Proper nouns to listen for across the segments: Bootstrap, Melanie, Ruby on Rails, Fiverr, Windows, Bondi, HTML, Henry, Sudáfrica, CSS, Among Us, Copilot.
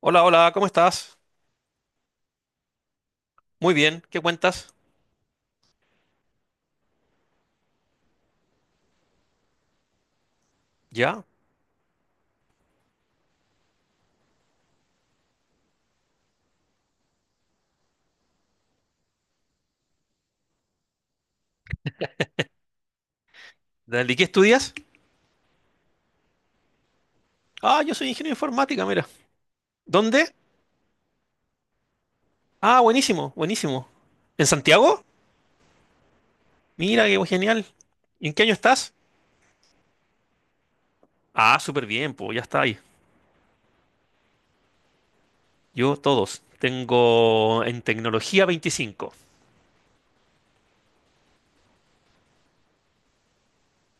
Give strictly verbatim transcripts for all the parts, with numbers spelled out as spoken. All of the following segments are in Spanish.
Hola, hola, ¿cómo estás? Muy bien, ¿qué cuentas? ¿Ya? ¿De qué estudias? Ah, yo soy ingeniero de informática, mira. ¿Dónde? Ah, buenísimo, buenísimo. ¿En Santiago? Mira, qué genial. ¿Y en qué año estás? Ah, súper bien, pues ya está ahí. Yo todos. Tengo en tecnología veinticinco.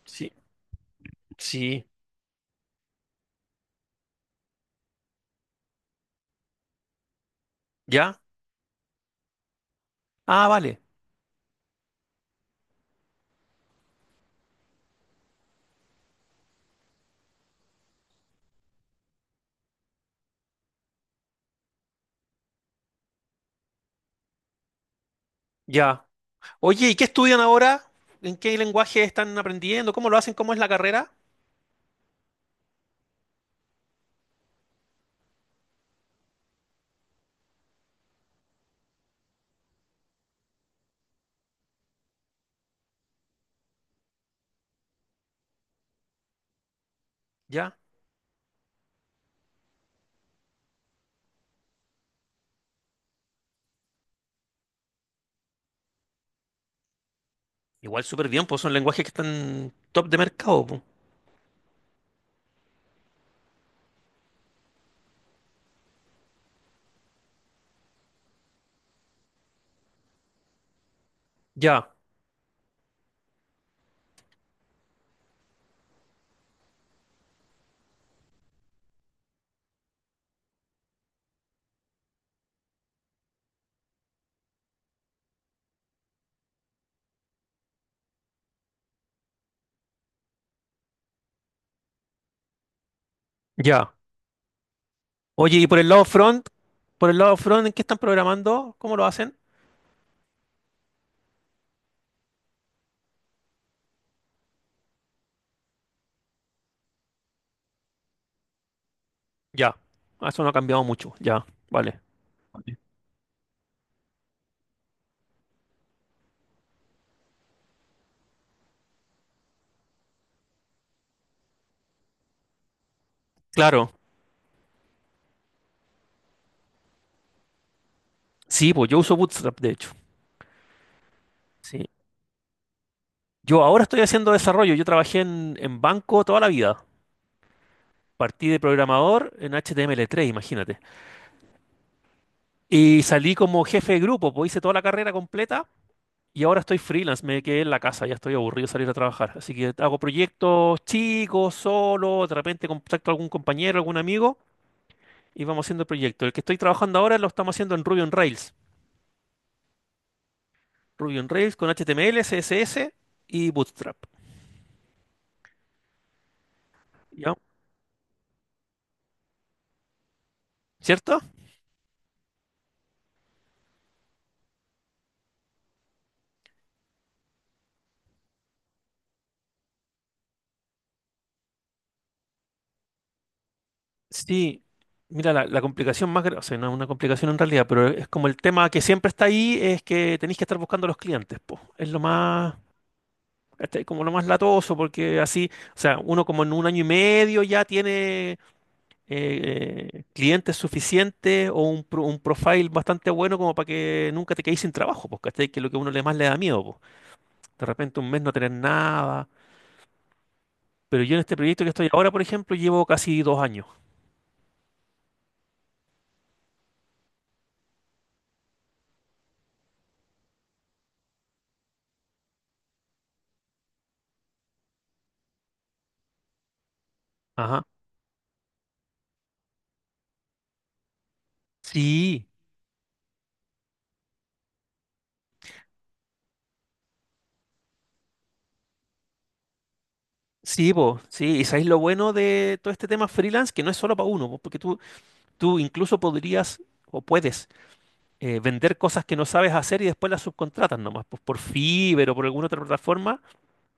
Sí, sí. ¿Ya? Ah, vale, ya. Oye, ¿y qué estudian ahora? ¿En qué lenguaje están aprendiendo? ¿Cómo lo hacen? ¿Cómo es la carrera? Ya. Igual súper bien, pues son lenguajes que están top de mercado, pues. Ya. Ya. Oye, y por el lado front, por el lado front, ¿en qué están programando? ¿Cómo lo hacen? Ya. Ah, eso no ha cambiado mucho. Ya, vale. Claro. Sí, pues yo uso Bootstrap, de hecho. Sí. Yo ahora estoy haciendo desarrollo. Yo trabajé en, en banco toda la vida. Partí de programador en H T M L tres. Imagínate. Y salí como jefe de grupo, pues hice toda la carrera completa y ahora estoy freelance. Me quedé en la casa, ya estoy aburrido de salir a trabajar. Así que hago proyectos chicos, solo, de repente contacto a algún compañero, algún amigo y vamos haciendo el proyecto. El que estoy trabajando ahora lo estamos haciendo en Ruby on Rails. Ruby on Rails con H T M L, C S S y Bootstrap. ¿Ya? ¿Cierto? Sí. Mira, la, la complicación más grande, o sea, no es una complicación en realidad, pero es como el tema que siempre está ahí, es que tenéis que estar buscando a los clientes, po. Es lo más, este, como lo más latoso, porque así, o sea, uno como en un año y medio ya tiene eh, clientes suficientes o un, pro- un profile bastante bueno como para que nunca te quedes sin trabajo, porque que es lo que a uno le más le da miedo, de repente un mes no tener nada. Pero yo en este proyecto que estoy ahora, por ejemplo, llevo casi dos años. Ajá. Sí, sí, vos, sí. Y sabéis lo bueno de todo este tema freelance, que no es solo para uno, po, porque tú, tú incluso podrías o puedes eh, vender cosas que no sabes hacer y después las subcontratas nomás, pues por Fiverr o por alguna otra plataforma,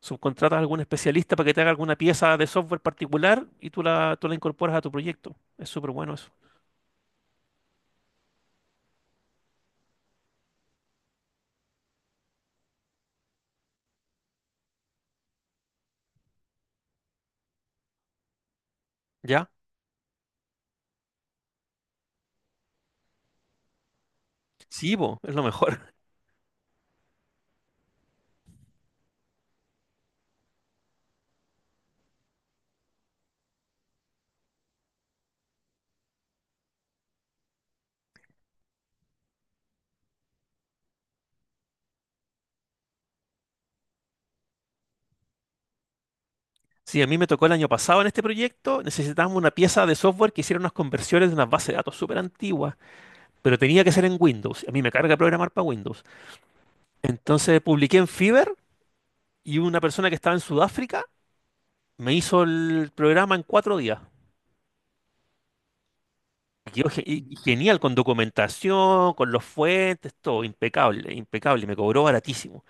subcontratas a algún especialista para que te haga alguna pieza de software particular y tú la, tú la incorporas a tu proyecto. Es súper bueno eso. ¿Ya? Sí, vos, es lo mejor. Sí, a mí me tocó el año pasado en este proyecto, necesitábamos una pieza de software que hiciera unas conversiones de unas bases de datos súper antiguas, pero tenía que ser en Windows. A mí me carga programar para Windows. Entonces publiqué en Fiverr y una persona que estaba en Sudáfrica me hizo el programa en cuatro días. Y quedó ge- y- y genial, con documentación, con los fuentes, todo, impecable, impecable, y me cobró baratísimo.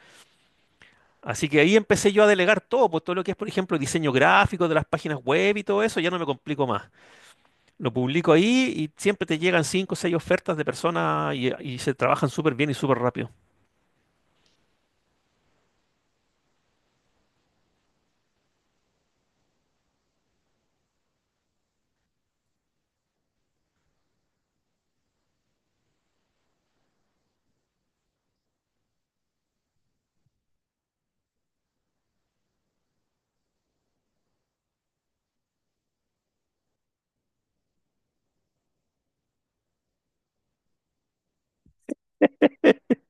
Así que ahí empecé yo a delegar todo, pues todo lo que es, por ejemplo, diseño gráfico de las páginas web y todo eso, ya no me complico más. Lo publico ahí y siempre te llegan cinco o seis ofertas de personas y, y se trabajan súper bien y súper rápido.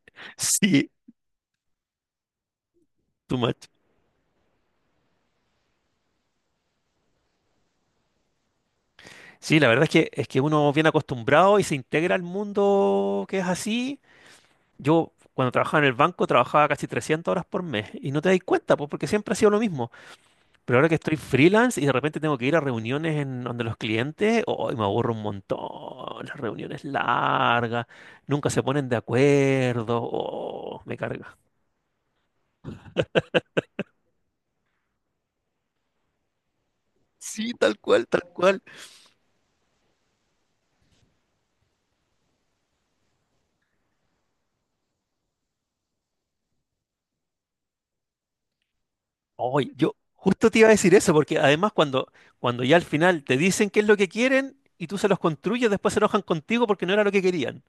Sí. Too much. Sí, la verdad es que, es que uno viene acostumbrado y se integra al mundo que es así. Yo cuando trabajaba en el banco trabajaba casi trescientas horas por mes y no te das cuenta pues, porque siempre ha sido lo mismo. Pero ahora que estoy freelance y de repente tengo que ir a reuniones en donde los clientes, oh, me aburro un montón. Las reuniones largas, nunca se ponen de acuerdo. Oh, me carga. Sí, tal cual, tal cual. Oye, yo justo te iba a decir eso, porque además cuando, cuando ya al final te dicen qué es lo que quieren y tú se los construyes, después se enojan contigo porque no era lo que querían.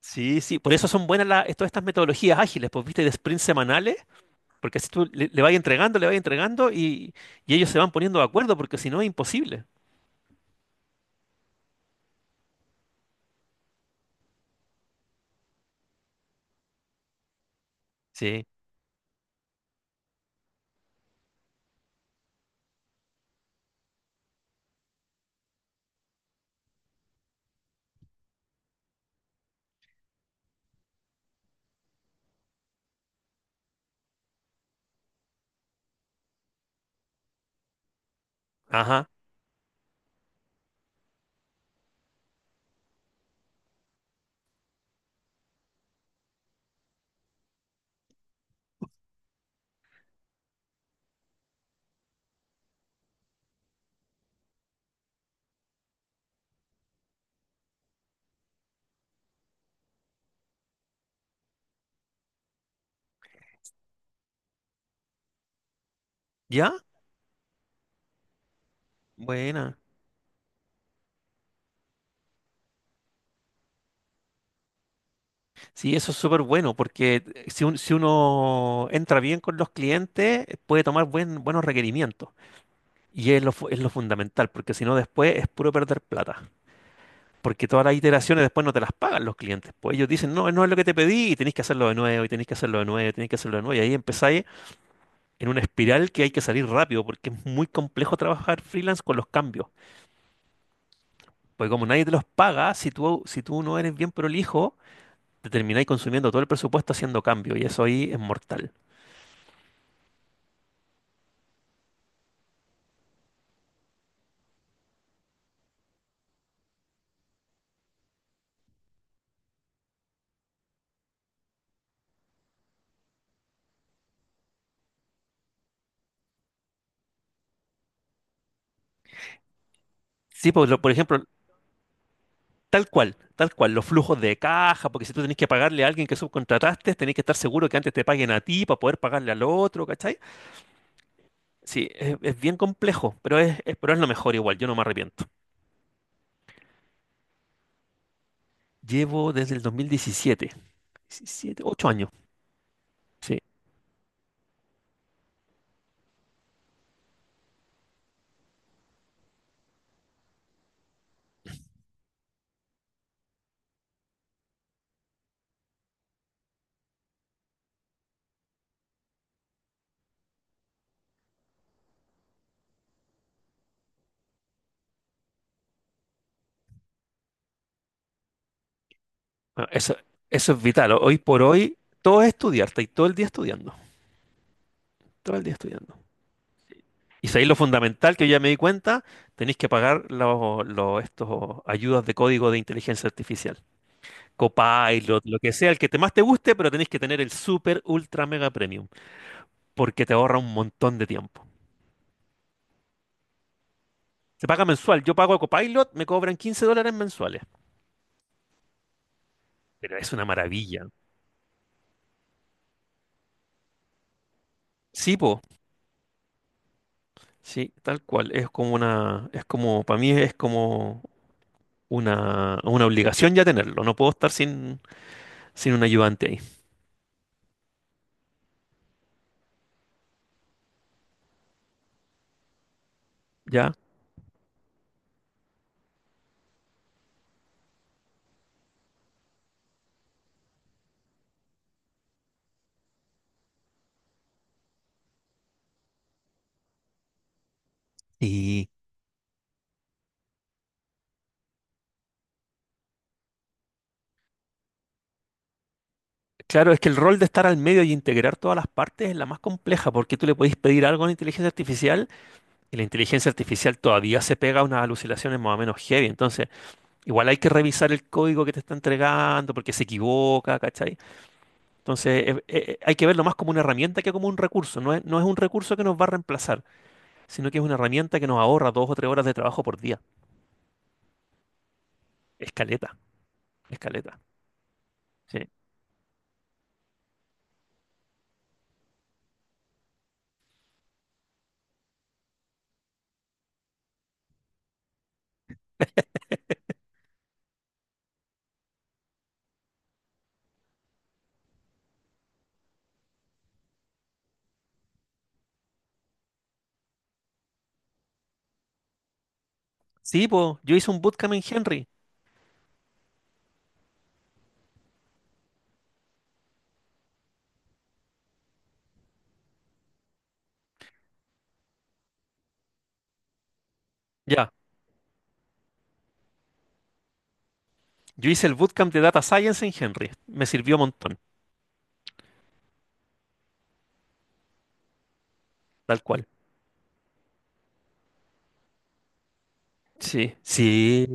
Sí, sí, por eso son buenas las- todas estas metodologías ágiles, pues viste, de sprints semanales, porque así tú le, le vas entregando, le vas entregando y, y ellos se van poniendo de acuerdo, porque si no es imposible. Sí, ajá, ¿ya? Buena. Sí, eso es súper bueno, porque eh, si, un- si uno entra bien con los clientes, puede tomar buen, buenos requerimientos. Y es lo, fu- es lo fundamental, porque si no después es puro perder plata. Porque todas las iteraciones después no te las pagan los clientes. Pues ellos dicen, no, no es lo que te pedí, y tenés que hacerlo de nuevo, y tenés que hacerlo de nuevo, y tenés que hacerlo de nuevo. Y ahí empezáis en una espiral que hay que salir rápido, porque es muy complejo trabajar freelance con los cambios. Porque como nadie te los paga, si tú, si tú no eres bien prolijo, te termináis consumiendo todo el presupuesto haciendo cambios, y eso ahí es mortal. Sí, por, lo- por ejemplo, tal cual, tal cual, los flujos de caja, porque si tú tenés que pagarle a alguien que subcontrataste, tenés que estar seguro que antes te paguen a ti para poder pagarle al otro, ¿cachai? Sí, es, es bien complejo, pero es, es- pero es lo mejor igual, yo no me arrepiento. Llevo desde el dos mil diecisiete, diecisiete, ocho años, sí. Bueno, eso, eso es vital, hoy por hoy todo es estudiar, y todo el día estudiando, todo el día estudiando. Y sabéis lo fundamental que yo ya me di cuenta, tenéis que pagar los, los- estos ayudas de código de inteligencia artificial. Copilot, lo que sea, el que te más te guste, pero tenés que tener el super ultra mega premium, porque te ahorra un montón de tiempo. Se paga mensual, yo pago a Copilot, me cobran quince dólares mensuales, pero es una maravilla. Sí, po, sí, tal cual, es como una, es como, para mí es como una, una obligación ya tenerlo, no puedo estar sin, sin un ayudante ahí, ¿ya? Y claro, es que el rol de estar al medio y integrar todas las partes es la más compleja, porque tú le podés pedir algo a la inteligencia artificial. Y la inteligencia artificial todavía se pega a unas alucinaciones más o menos heavy. Entonces, igual hay que revisar el código que te está entregando porque se equivoca, ¿cachai? Entonces, eh, eh, eh, hay que verlo más como una herramienta que como un recurso. No es, no es un recurso que nos va a reemplazar, sino que es una herramienta que nos ahorra dos o tres horas de trabajo por día. Escaleta, escaleta. Sí, sí, po, yo hice un bootcamp en Henry. Ya, yo hice el bootcamp de Data Science en Henry. Me sirvió un montón, tal cual. Sí, sí,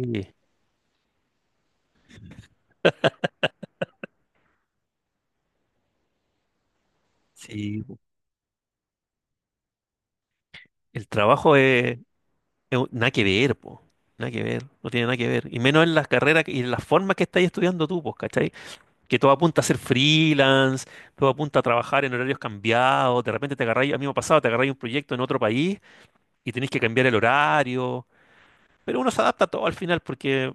sí, po. El trabajo es... Es un- Nada que ver, po. Nada que ver. No tiene nada que ver. Y menos en las carreras que- y en las formas que estás estudiando tú, pues, ¿cachai? Que todo apunta a ser freelance, todo apunta a trabajar en horarios cambiados. De repente te agarráis, a mí me ha pasado, te agarráis un proyecto en otro país y tenéis que cambiar el horario. Pero uno se adapta a todo al final porque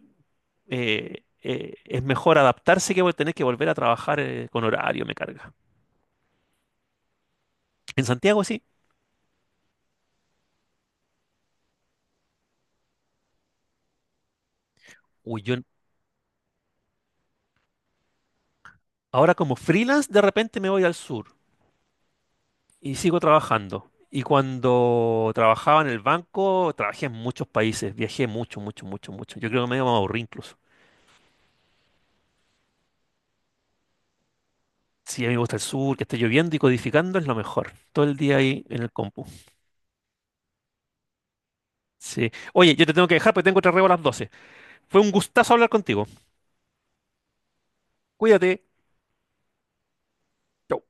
eh, eh, es mejor adaptarse que vol- tener que volver a trabajar eh, con horario, me carga. En Santiago sí. Uy, yo en- ahora como freelance de repente me voy al sur. Y sigo trabajando. Y cuando trabajaba en el banco, trabajé en muchos países, viajé mucho, mucho, mucho, mucho. Yo creo que me iba a aburrir incluso. Sí, a mí me gusta el sur, que esté lloviendo y codificando es lo mejor. Todo el día ahí en el compu. Sí. Oye, yo te tengo que dejar porque tengo otra reo a las doce. Fue un gustazo hablar contigo. Cuídate. Chau.